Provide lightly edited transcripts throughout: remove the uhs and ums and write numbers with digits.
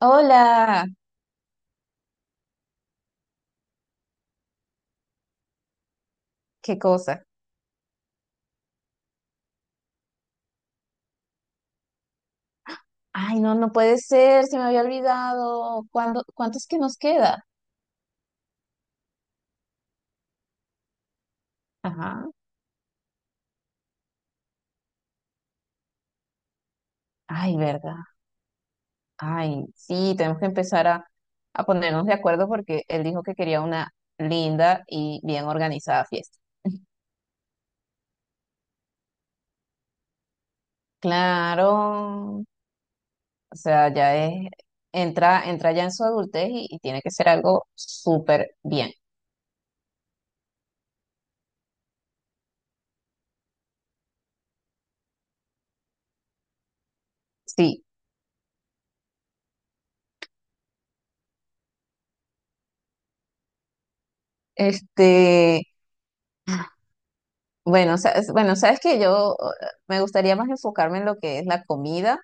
Hola, qué cosa. Ay, no, no puede ser, se me había olvidado. ¿Cuándo, cuánto es que nos queda? Ajá. Ay, verdad. Ay, sí, tenemos que empezar a ponernos de acuerdo porque él dijo que quería una linda y bien organizada fiesta. Claro, o sea, ya es, entra ya en su adultez y tiene que ser algo súper bien. Sí, este, bueno, bueno, sabes que yo me gustaría más enfocarme en lo que es la comida,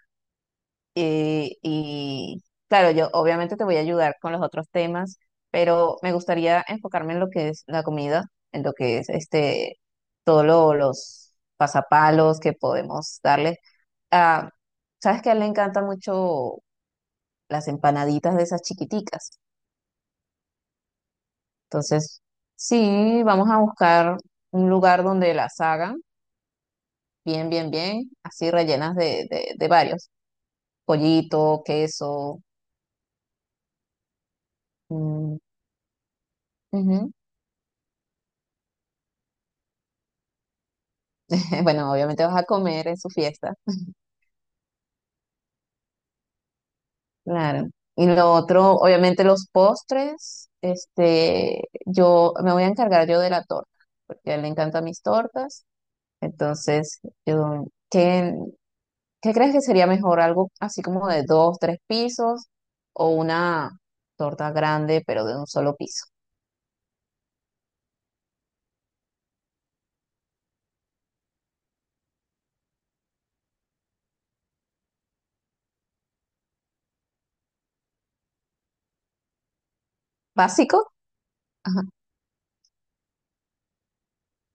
y claro, yo obviamente te voy a ayudar con los otros temas, pero me gustaría enfocarme en lo que es la comida, en lo que es todos los pasapalos que podemos darle. Ah, sabes que a él le encantan mucho las empanaditas de esas chiquiticas, entonces sí, vamos a buscar un lugar donde las hagan bien, bien, bien, así rellenas de varios, pollito, queso. Mm, ujú. Bueno, obviamente vas a comer en su fiesta, claro. Y lo otro, obviamente los postres, yo me voy a encargar yo de la torta, porque a él le encantan mis tortas. Entonces, yo, ¿qué, qué crees que sería mejor? ¿Algo así como de dos, tres pisos o una torta grande, pero de un solo piso? ¿Básico?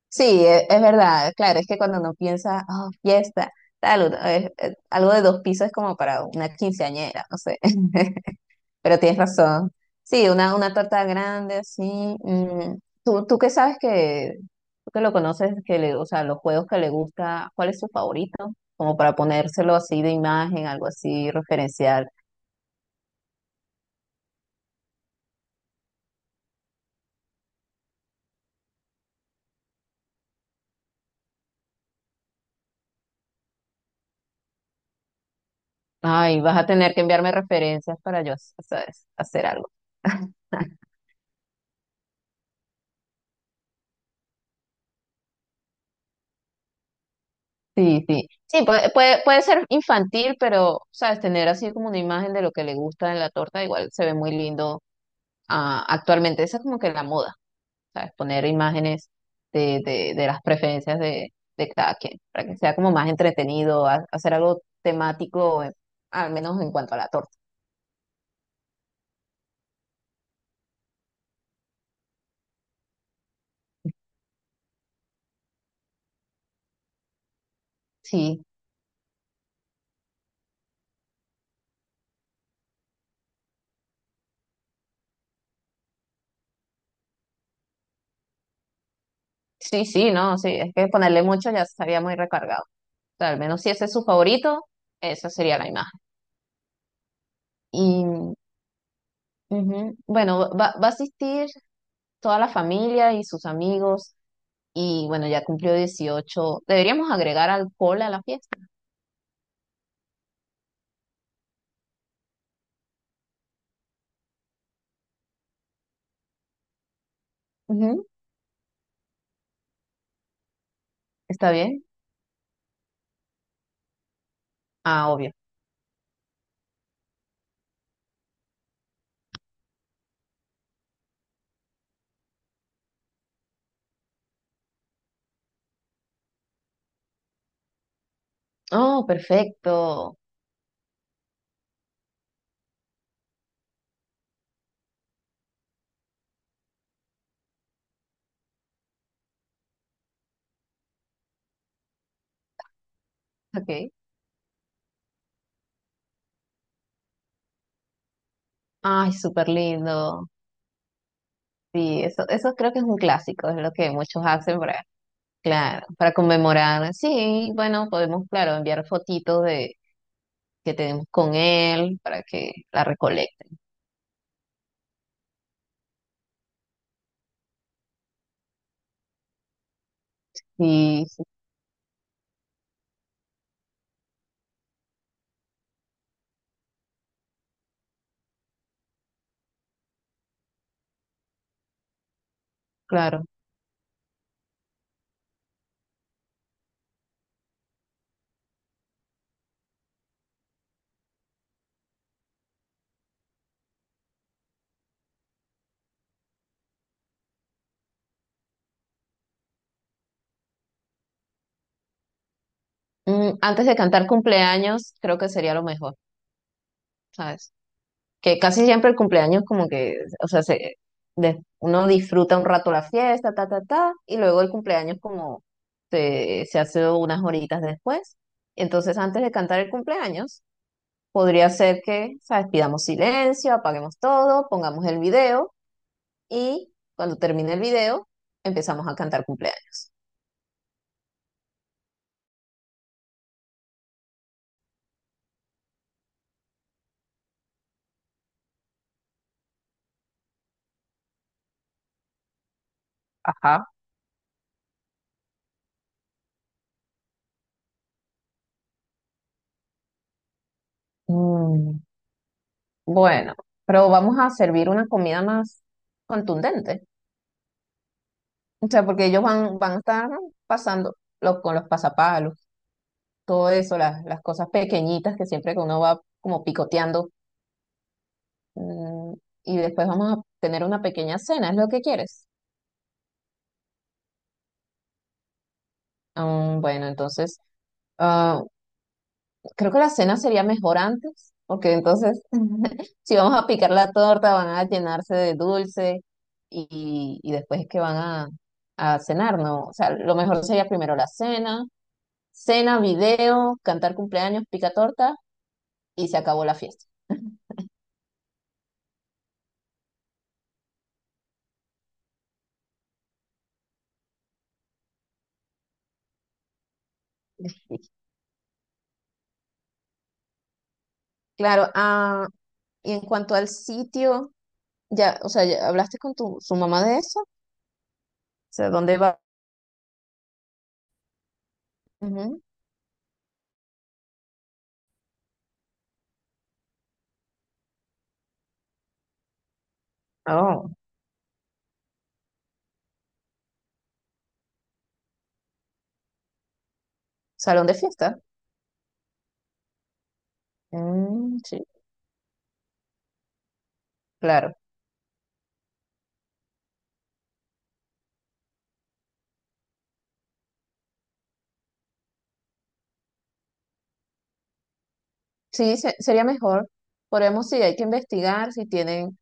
Sí, es, verdad, claro, es que cuando uno piensa, oh, fiesta, tal, es algo de dos pisos es como para una quinceañera, no sé, pero tienes razón. Sí, una torta grande, así. Mm, ¿Tú, tú qué sabes que, tú que lo conoces, que o sea, los juegos que le gusta, cuál es su favorito? Como para ponérselo así de imagen, algo así referencial. Ay, vas a tener que enviarme referencias para yo, ¿sabes? Hacer algo. Sí, sí. Sí, puede ser infantil, pero, sabes, tener así como una imagen de lo que le gusta en la torta, igual se ve muy lindo ah, actualmente. Esa es como que la moda, ¿sabes? Poner imágenes de las preferencias de cada quien, para que sea como más entretenido, hacer algo temático, al menos en cuanto a la torta. Sí, sí, sí, no, sí, es que ponerle mucho ya estaría muy recargado. O sea, al menos si ese es su favorito, esa sería la imagen. Y, ujú, bueno, va a asistir toda la familia y sus amigos. Y bueno, ya cumplió 18, deberíamos agregar alcohol a la fiesta. Ujú. ¿Está bien? Ah, obvio. Oh, perfecto. Ok. Ay, súper lindo. Sí, eso creo que es un clásico, es lo que muchos hacen para, claro, para conmemorar. Sí, bueno, podemos, claro, enviar fotitos de que tenemos con él para que la recolecten. Sí, sí, claro. Mm, antes de cantar cumpleaños, creo que sería lo mejor, ¿sabes? Que casi siempre el cumpleaños como que, o sea, uno disfruta un rato la fiesta, ta, ta, ta, y luego el cumpleaños como se hace unas horitas después. Entonces, antes de cantar el cumpleaños, podría ser que, ¿sabes? Pidamos silencio, apaguemos todo, pongamos el video y cuando termine el video, empezamos a cantar cumpleaños. Ajá. Mm, bueno, pero vamos a servir una comida más contundente. O sea, porque ellos van a estar pasando con los pasapalos, todo eso, las cosas pequeñitas que siempre que uno va como picoteando. Mm, y después vamos a tener una pequeña cena, ¿es lo que quieres? Mm, bueno, entonces, ah, creo que la cena sería mejor antes, porque entonces, si vamos a picar la torta, van a llenarse de dulce y después es que van a cenar, ¿no? O sea, lo mejor sería primero la cena, cena, video, cantar cumpleaños, pica torta y se acabó la fiesta. Claro, ah, y en cuanto al sitio, ya, o sea, ya hablaste con tu su mamá de eso, o sea, ¿dónde va? Ujú. Oh, salón de fiesta. Mm, sí, claro. Sí, sería mejor. Podemos, sí, hay que investigar si tienen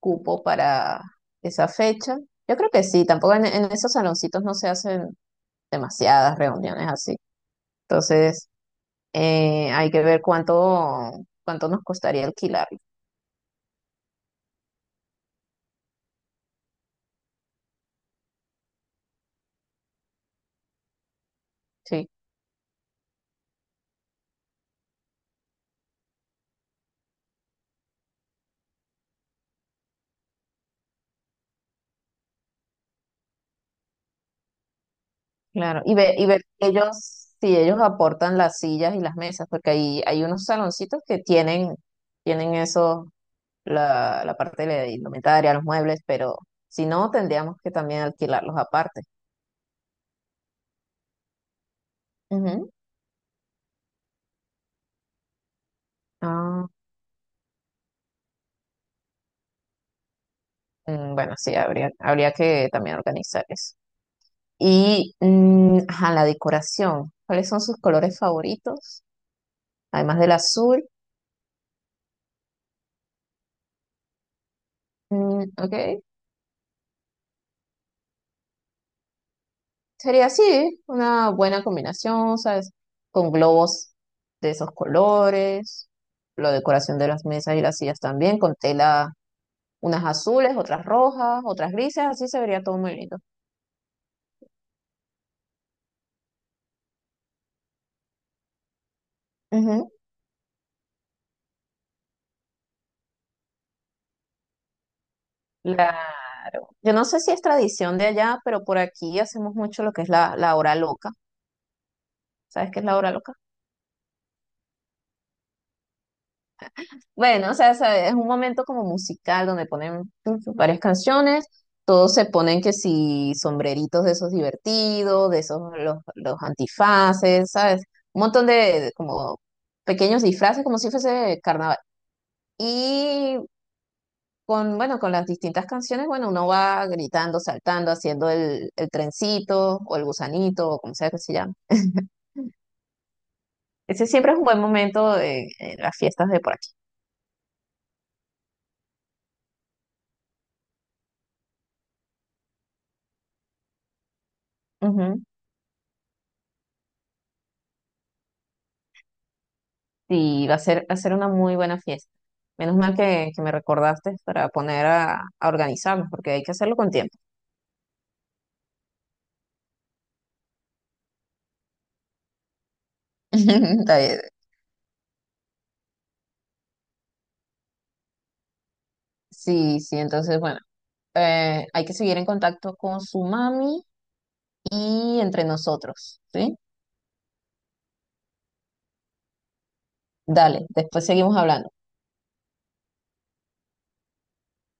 cupo para esa fecha. Yo creo que sí, tampoco en, en esos saloncitos no se hacen demasiadas reuniones así. Entonces, hay que ver cuánto, cuánto nos costaría alquilarlo. Sí. Claro, y ver que ellos, si ellos aportan las sillas y las mesas, porque ahí hay unos saloncitos que tienen, tienen eso, la parte de la indumentaria, los muebles, pero si no, tendríamos que también alquilarlos aparte. Ujú. Ah, mm, bueno, sí, habría, habría que también organizar eso. Y mm, ajá, la decoración, ¿cuáles son sus colores favoritos? Además del azul, mm, ok. Sería así, una buena combinación, ¿sabes? Con globos de esos colores, la decoración de las mesas y las sillas también, con tela, unas azules, otras rojas, otras grises, así se vería todo muy lindo. Ujú. Claro. Yo no sé si es tradición de allá, pero por aquí hacemos mucho lo que es la hora loca. ¿Sabes qué es la hora loca? Bueno, o sea, sabe, es un momento como musical donde ponen pues, varias canciones, todos se ponen que si sombreritos de esos divertidos, de esos los antifaces, ¿sabes? Un montón de como pequeños disfraces, como si fuese carnaval. Y con, bueno, con las distintas canciones, bueno, uno va gritando, saltando, haciendo el trencito o el gusanito o como sea que se llame. Ese siempre es un buen momento en las fiestas de por aquí. Y va a ser una muy buena fiesta. Menos mal que me recordaste para poner a organizarnos, porque hay que hacerlo con tiempo. Está bien. Sí, sí, entonces, bueno, hay que seguir en contacto con su mami y entre nosotros, ¿sí? Dale, después seguimos hablando.